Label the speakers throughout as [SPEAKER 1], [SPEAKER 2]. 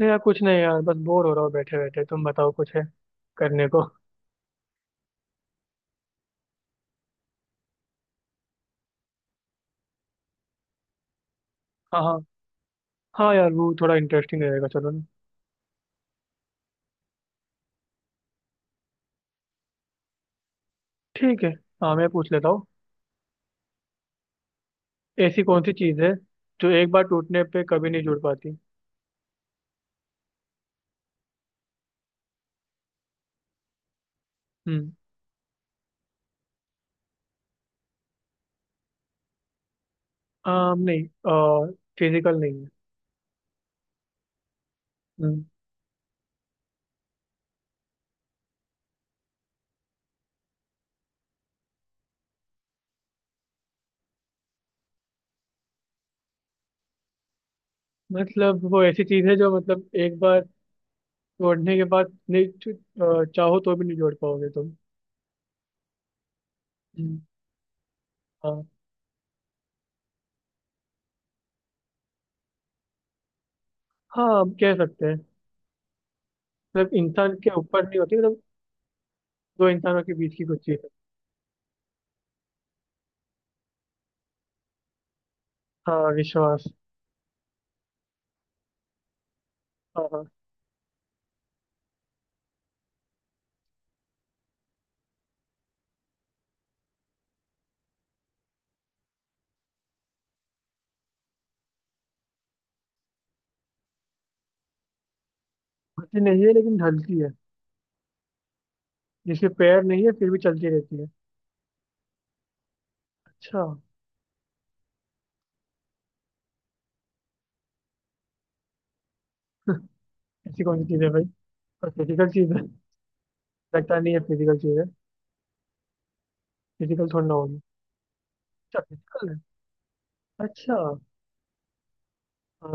[SPEAKER 1] नहीं यार, कुछ नहीं यार, बस बोर हो रहा हूँ बैठे बैठे। तुम बताओ कुछ है करने को। हाँ हाँ। हाँ यार वो थोड़ा इंटरेस्टिंग रहेगा, चलो ना। ठीक है। हाँ, मैं पूछ लेता हूँ। ऐसी कौन सी चीज़ है जो एक बार टूटने पे कभी नहीं जुड़ पाती? हम्म। नहीं, फिजिकल नहीं है। हम्म, मतलब वो ऐसी चीज़ है जो मतलब एक बार तोड़ने के बाद नहीं चाहो तो भी नहीं जोड़ पाओगे तुम। हम्म, हाँ। हाँ, हम कह सकते हैं। मतलब इंसान के ऊपर नहीं होती, मतलब दो इंसानों के बीच की कुछ चीज़ है। हाँ, विश्वास। हाँ हाँ। हंसी नहीं है लेकिन ढलती है। जिसके पैर नहीं है फिर भी चलती रहती है। अच्छा। ऐसी कौन सी चीज है भाई? और फिजिकल चीज है? लगता नहीं है फिजिकल चीज है, फिजिकल थोड़ी ना होगी। अच्छा, फिजिकल है। अच्छा। अ,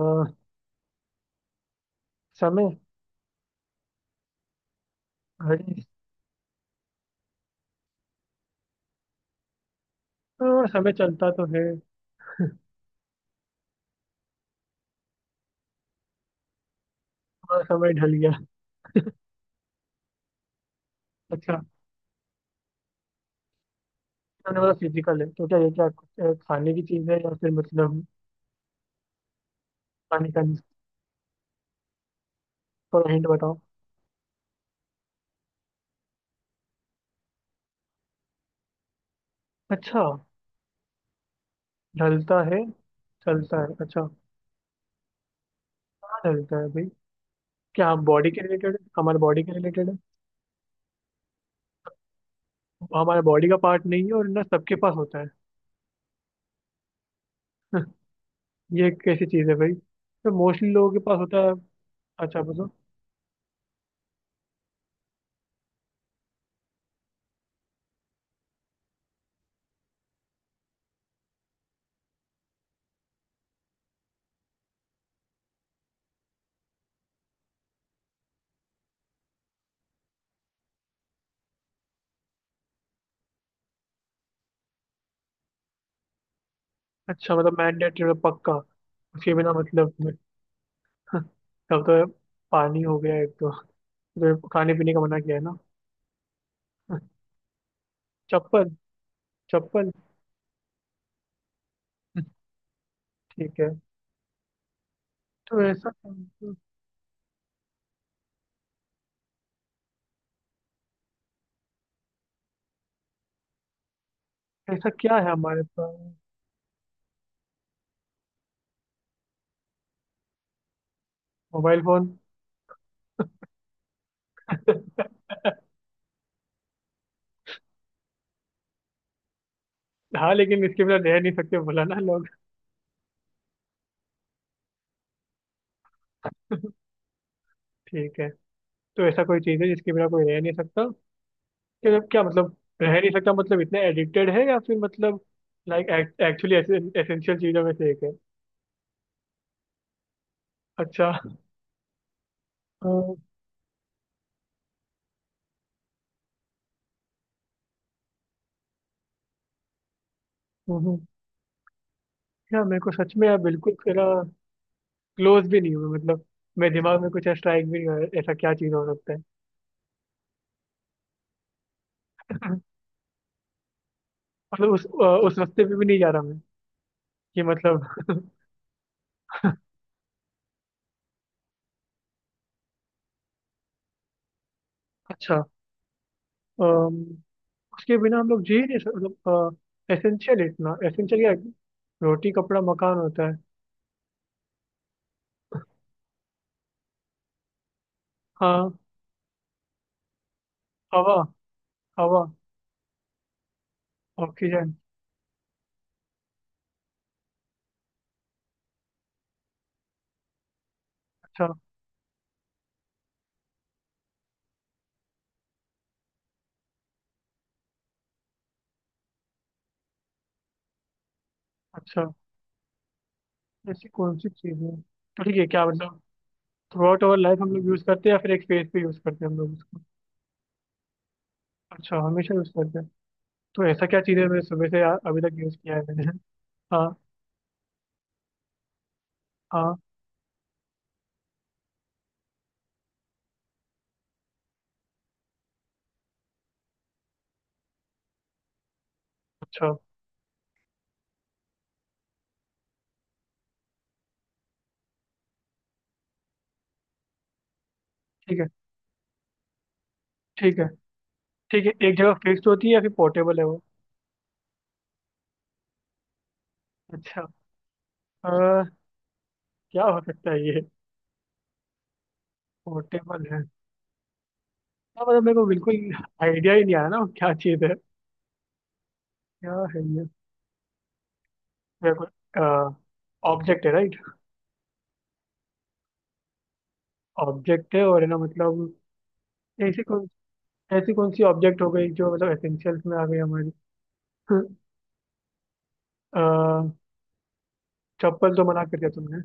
[SPEAKER 1] समय। घड़ी। समय चलता तो है। और समय ढल गया। अच्छा। मैंने बोला फिजिकल है तो क्या ये, क्या कुछ, खाने की चीज है या फिर मतलब। पानी का? थोड़ा हिंट बताओ। अच्छा। ढलता है, चलता है। अच्छा। क्या ढलता है भाई? क्या बॉडी के रिलेटेड है, हमारे बॉडी के रिलेटेड है? हमारा बॉडी का पार्ट नहीं है और ना सबके पास होता है। ये कैसी चीज़ है भाई? तो मोस्टली लोगों के पास होता है? अच्छा मतलब। अच्छा मतलब मैंडेटरी पक्का? उसके बिना मतलब तब तो पानी हो गया एक तो खाने पीने का मना किया है ना? चप्पल। चप्पल। ठीक है। तो ऐसा, ऐसा क्या है हमारे पास? Mobile phone. हाँ लेकिन इसके बिना रह नहीं सकते, बोला ना लोग। ठीक है। तो ऐसा कोई चीज़ है जिसके बिना कोई रह नहीं सकता? क्या जब क्या मतलब? रह नहीं सकता मतलब इतने एडिक्टेड है या फिर मतलब, लाइक, एक्चुअली एसेंशियल चीजों में से एक है? अच्छा। अ, हम्म, क्या मेरे को सच में यार, बिल्कुल तेरा क्लोज भी नहीं हुआ मतलब। मेरे दिमाग में कुछ स्ट्राइक भी नहीं हुआ, ऐसा क्या चीज हो सकता है? मतलब उस रास्ते पे भी नहीं जा रहा मैं कि मतलब। अच्छा। अम, उसके बिना हम लोग जी नहीं सकते मतलब। एसेंशियल, इतना एसेंशियल क्या है? रोटी कपड़ा मकान होता है। हाँ। हवा। हवा। ऑक्सीजन। अच्छा। अच्छा। ऐसी कौन सी चीज है तो ठीक है, क्या मतलब, थ्रू आउट आवर लाइफ हम लोग यूज करते हैं या फिर एक फेज पे यूज करते हैं हम लोग उसको? अच्छा, हमेशा यूज करते हैं। तो ऐसा क्या चीज है, मैंने सुबह से अभी तक यूज किया है मैंने? हाँ। हाँ। अच्छा। ठीक है। ठीक है। ठीक है, एक जगह फिक्स्ड होती है या फिर पोर्टेबल है वो? अच्छा। अ, क्या हो सकता है ये, पोर्टेबल है? हाँ, मतलब मेरे को बिल्कुल आइडिया ही नहीं आया ना, वो क्या चीज है? क्या है ये? मेरे को, ऑब्जेक्ट है राइट? ऑब्जेक्ट है और है ना मतलब, ऐसे, ऐसी कौन सी ऑब्जेक्ट हो गई जो मतलब एसेंशियल्स में आ गई हमारी? अ, चप्पल तो मना कर दिया तुमने।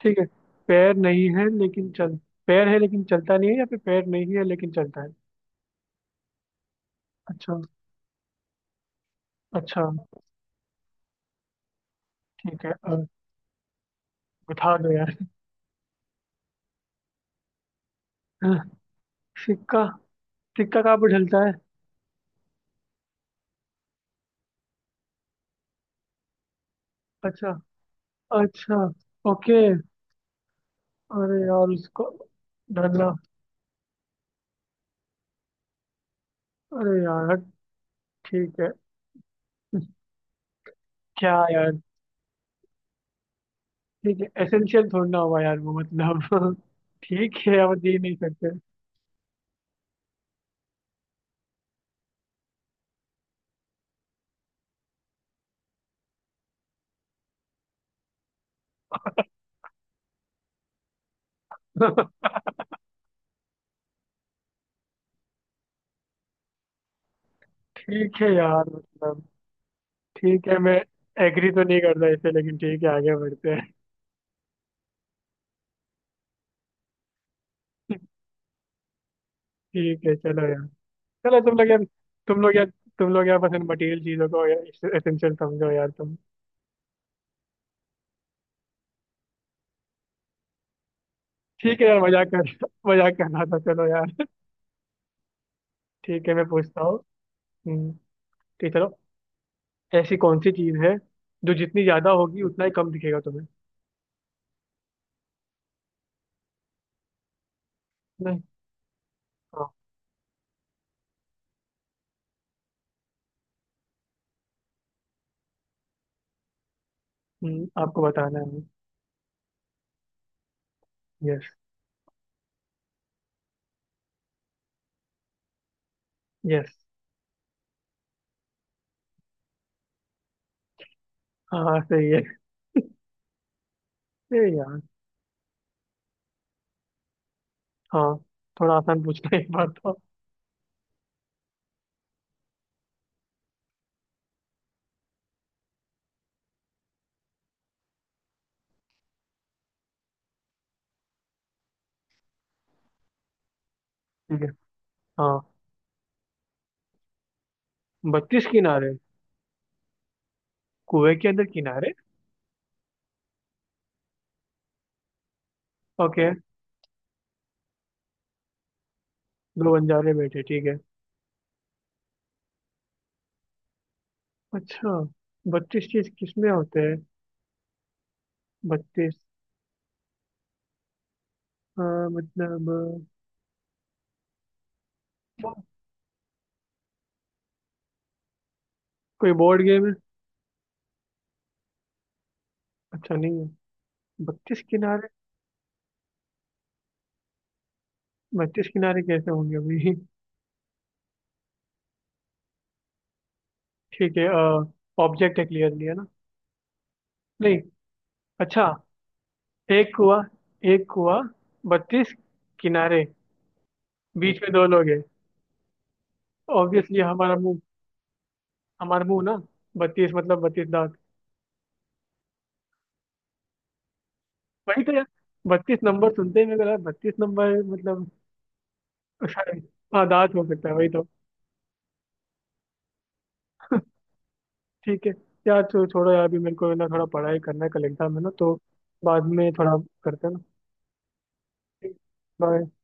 [SPEAKER 1] ठीक है। पैर नहीं है लेकिन चल, पैर है लेकिन चलता नहीं है या फिर पैर नहीं है लेकिन चलता है? अच्छा। अच्छा। ठीक है। बता दो यार। सिक्का। सिक्का? कहाँ पर ढलता है? अच्छा। अच्छा। ओके। अरे यार, उसको ढलना। अरे यार। ठीक है। क्या यार। ठीक है, एसेंशियल थोड़ा ना हुआ यार वो मतलब। ठीक है, अब दे नहीं सकते। ठीक है यार मतलब, ठीक है, मैं एग्री तो नहीं करता इसे लेकिन ठीक है, आगे बढ़ते हैं। ठीक है, चलो यार। चलो, तुम लोग यार। तुम लोग यार, तुम लोग यार, बस इन मटेरियल चीजों को यार एसेंशियल समझो यार तुम। ठीक है यार, मजाक कर मजाक कर रहा था, चलो यार। ठीक है, मैं पूछता हूँ। हम्म, ठीक है, चलो। ऐसी कौन सी चीज है जो जितनी ज्यादा होगी उतना ही कम दिखेगा तुम्हें? नहीं। हाँ। आपको बताना है। यस। यस। हाँ सही है। ए यार। हाँ, थोड़ा आसान पूछना है एक बार तो। ठीक है। हाँ, 32 किनारे? कुएं के अंदर किनारे? ओके। दो बंजारे बैठे, ठीक है। अच्छा, 32 चीज किसमें होते हैं? 32। हाँ, मतलब, अ, कोई बोर्ड गेम है? अच्छा, नहीं है। 32 किनारे 32 किनारे कैसे होंगे अभी? ठीक है। ऑब्जेक्ट है क्लियरली, है ना? नहीं? अच्छा। एक कुआ। एक कुआ, 32 किनारे, बीच में दो लोग हैं। ऑब्वियसली हमारा मुंह। हमारा मुंह ना, 32 मतलब 32 दांत। वही तो यार। 32 नंबर सुनते ही मेरे को लगा 32 नंबर मतलब शायद। हाँ, दांत हो सकता है वही तो। ठीक है यार, तो छोड़ो यार, अभी मेरे को ना थोड़ा पढ़ाई करना है, कल एग्जाम है ना तो। बाद में थोड़ा करते हैं ना। बाय।